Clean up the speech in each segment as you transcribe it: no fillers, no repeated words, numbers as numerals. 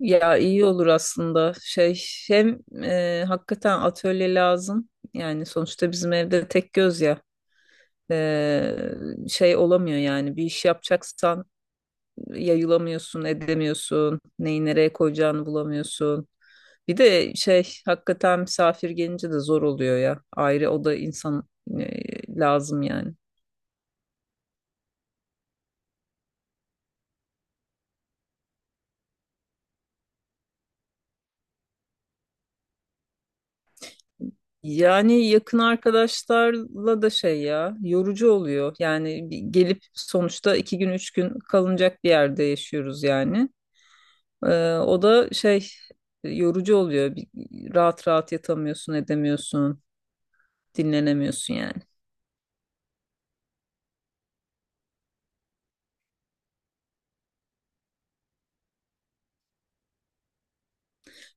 Ya iyi olur aslında. Hem Hakikaten atölye lazım. Yani sonuçta bizim evde tek göz ya. E, şey olamıyor yani. Bir iş yapacaksan yayılamıyorsun, edemiyorsun. Neyi nereye koyacağını bulamıyorsun. Bir de hakikaten misafir gelince de zor oluyor ya. Ayrı o da insan lazım yani. Yani yakın arkadaşlarla da ya yorucu oluyor. Yani bir gelip sonuçta iki gün üç gün kalınacak bir yerde yaşıyoruz yani. O da yorucu oluyor. Rahat rahat yatamıyorsun, edemiyorsun, dinlenemiyorsun yani.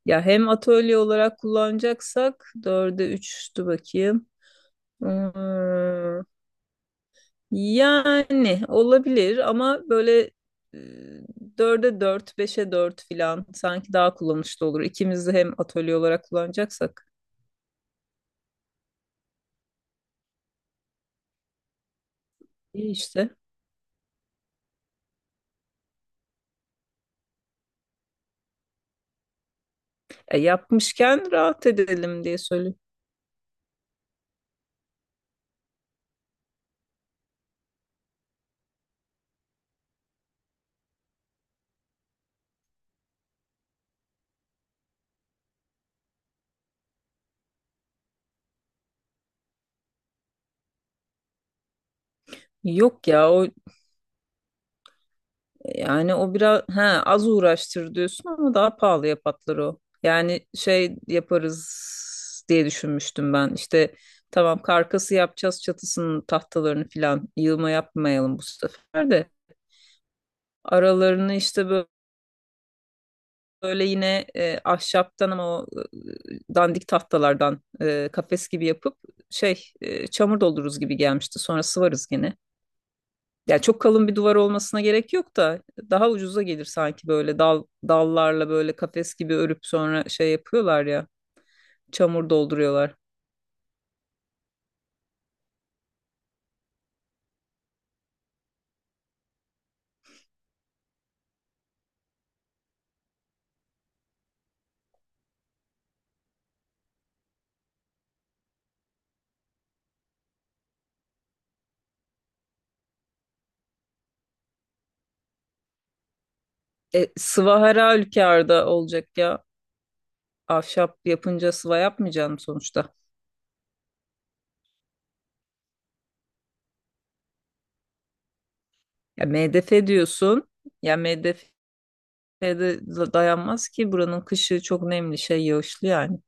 Ya hem atölye olarak kullanacaksak dörde üçtü bakayım. Ee, Yani olabilir ama böyle e, dörde dört, beşe dört filan sanki daha kullanışlı olur. İkimiz de hem atölye olarak kullanacaksak iyi işte. E, yapmışken rahat edelim diye söylüyorum. Yok ya o, yani o biraz, ha, az uğraştır diyorsun ama daha pahalıya patlar o. Yani şey yaparız diye düşünmüştüm ben. İşte tamam, karkası yapacağız, çatısının tahtalarını filan yığma yapmayalım bu sefer de. Aralarını işte böyle yine ahşaptan ama o dandik tahtalardan kafes gibi yapıp şey çamur doldururuz gibi gelmişti. Sonra sıvarız gene. Yani çok kalın bir duvar olmasına gerek yok da daha ucuza gelir sanki böyle dal dallarla böyle kafes gibi örüp sonra şey yapıyorlar ya, çamur dolduruyorlar. E, sıva her halükarda olacak ya. Ahşap yapınca sıva yapmayacağım sonuçta. Ya MDF diyorsun. Ya MDF ve dayanmaz ki, buranın kışı çok nemli, şey yağışlı yani.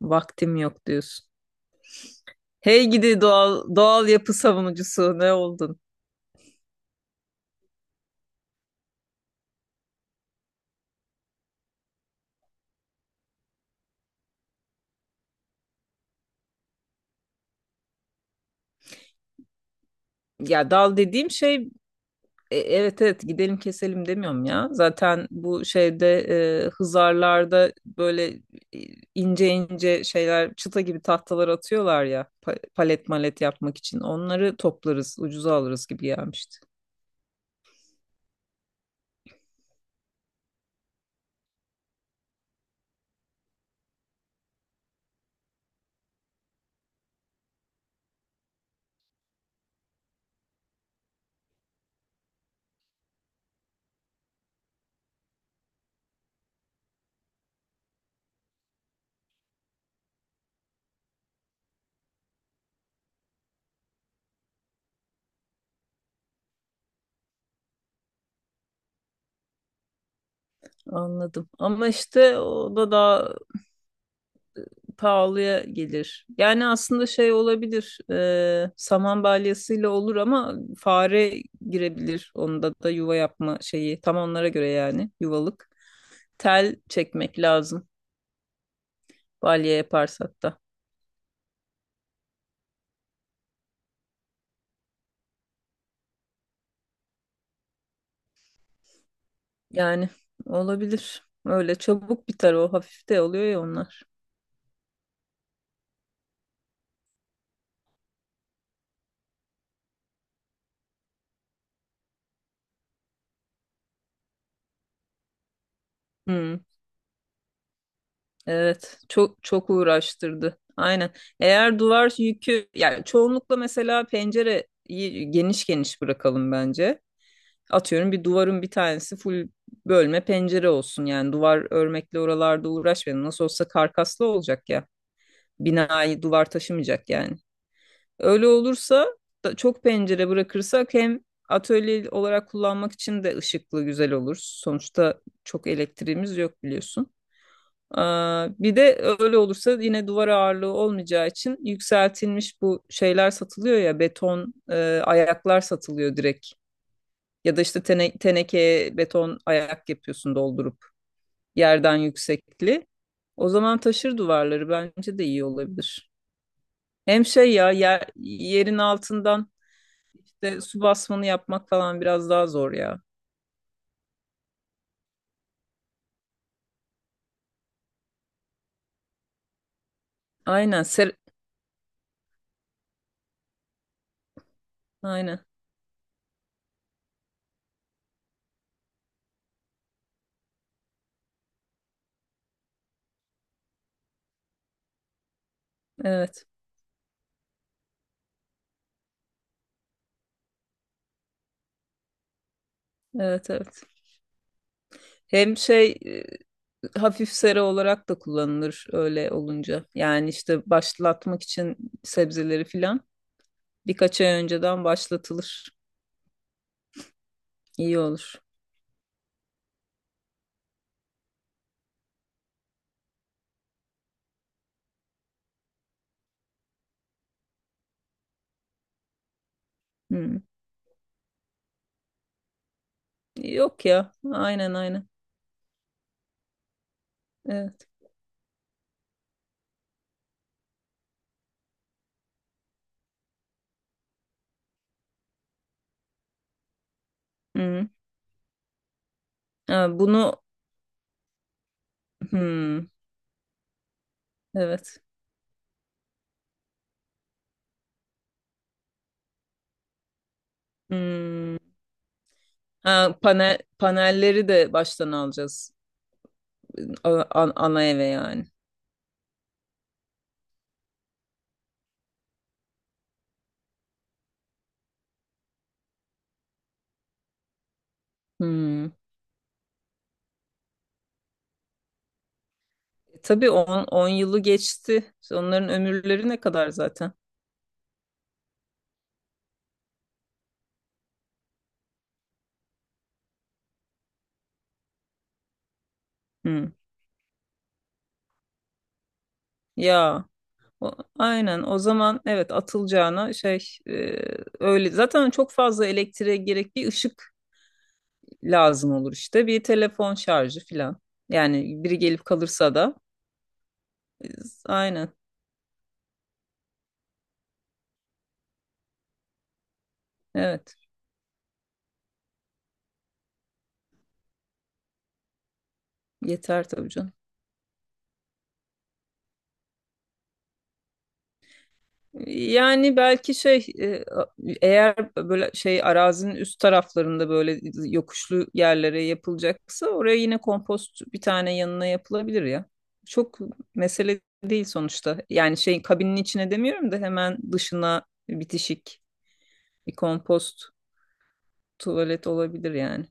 Vaktim yok diyorsun. Hey gidi doğal doğal yapı savunucusu, ne oldun? Ya dal dediğim şey, evet evet, gidelim keselim demiyorum ya. Zaten bu şeyde hızarlarda böyle e, ince ince şeyler, çıta gibi tahtalar atıyorlar ya palet malet yapmak için. Onları toplarız, ucuza alırız gibi gelmişti. Anladım. Ama işte o da daha pahalıya gelir. Yani aslında şey olabilir. E, saman balyasıyla olur ama fare girebilir. Onda da yuva yapma şeyi. Tam onlara göre yani, yuvalık. Tel çekmek lazım. Balya yaparsak da. Yani olabilir. Öyle çabuk biter o. Hafif de oluyor ya onlar. Hmm, evet. Çok çok uğraştırdı. Aynen. Eğer duvar yükü, yani çoğunlukla mesela pencereyi geniş geniş bırakalım bence. Atıyorum bir duvarın bir tanesi full bölme pencere olsun. Yani duvar örmekle oralarda uğraşmayalım. Nasıl olsa karkaslı olacak ya. Binayı duvar taşımayacak yani. Öyle olursa da çok pencere bırakırsak hem atölye olarak kullanmak için de ışıklı güzel olur. Sonuçta çok elektriğimiz yok biliyorsun. Aa, bir de öyle olursa yine duvar ağırlığı olmayacağı için yükseltilmiş bu şeyler satılıyor ya, beton ayaklar satılıyor direkt. Ya da işte tenekeye beton ayak yapıyorsun doldurup yerden yüksekli. O zaman taşır duvarları, bence de iyi olabilir. Hem şey ya yerin altından de su basmanı yapmak falan biraz daha zor ya. Aynen. Ser aynen. Evet. Evet evet. Hem şey hafif sera olarak da kullanılır öyle olunca. Yani işte başlatmak için sebzeleri filan birkaç ay önceden başlatılır. İyi olur. Hı. Yok ya. Aynen aynen. Evet. Hı. Ha, bunu, hı. Evet. Hmm. Ha, panelleri de baştan alacağız. Ana eve yani. Hmm. Tabii 10 10 yılı geçti. Onların ömürleri ne kadar zaten? Hı. Ya, aynen o zaman, evet, atılacağına şey e, öyle zaten çok fazla elektriğe gerek, bir ışık lazım olur işte, bir telefon şarjı filan. Yani biri gelip kalırsa da e, aynen, evet, yeter tabii canım. Yani belki şey eğer böyle şey arazinin üst taraflarında böyle yokuşlu yerlere yapılacaksa oraya yine kompost bir tane yanına yapılabilir ya. Çok mesele değil sonuçta. Yani şey kabinin içine demiyorum da hemen dışına bitişik bir kompost tuvalet olabilir yani.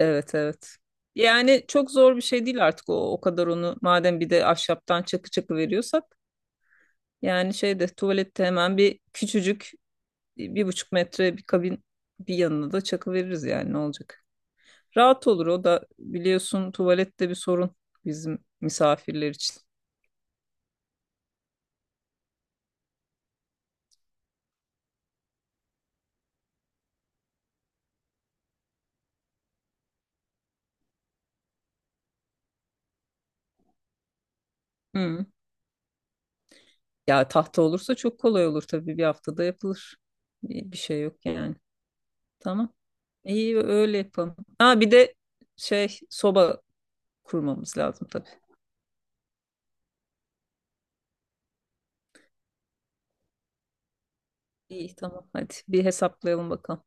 Evet evet. Yani çok zor bir şey değil artık o kadar onu madem bir de ahşaptan çakı çakı veriyorsak, yani şeyde tuvalette hemen bir küçücük 1,5 metre bir kabin, bir yanına da çakı veririz yani, ne olacak. Rahat olur o da biliyorsun, tuvalette bir sorun bizim misafirler için. Hı. Ya tahta olursa çok kolay olur tabii, bir haftada yapılır. Bir şey yok yani. Tamam. İyi, öyle yapalım. Ha bir de şey soba kurmamız lazım tabii. İyi tamam, hadi bir hesaplayalım bakalım.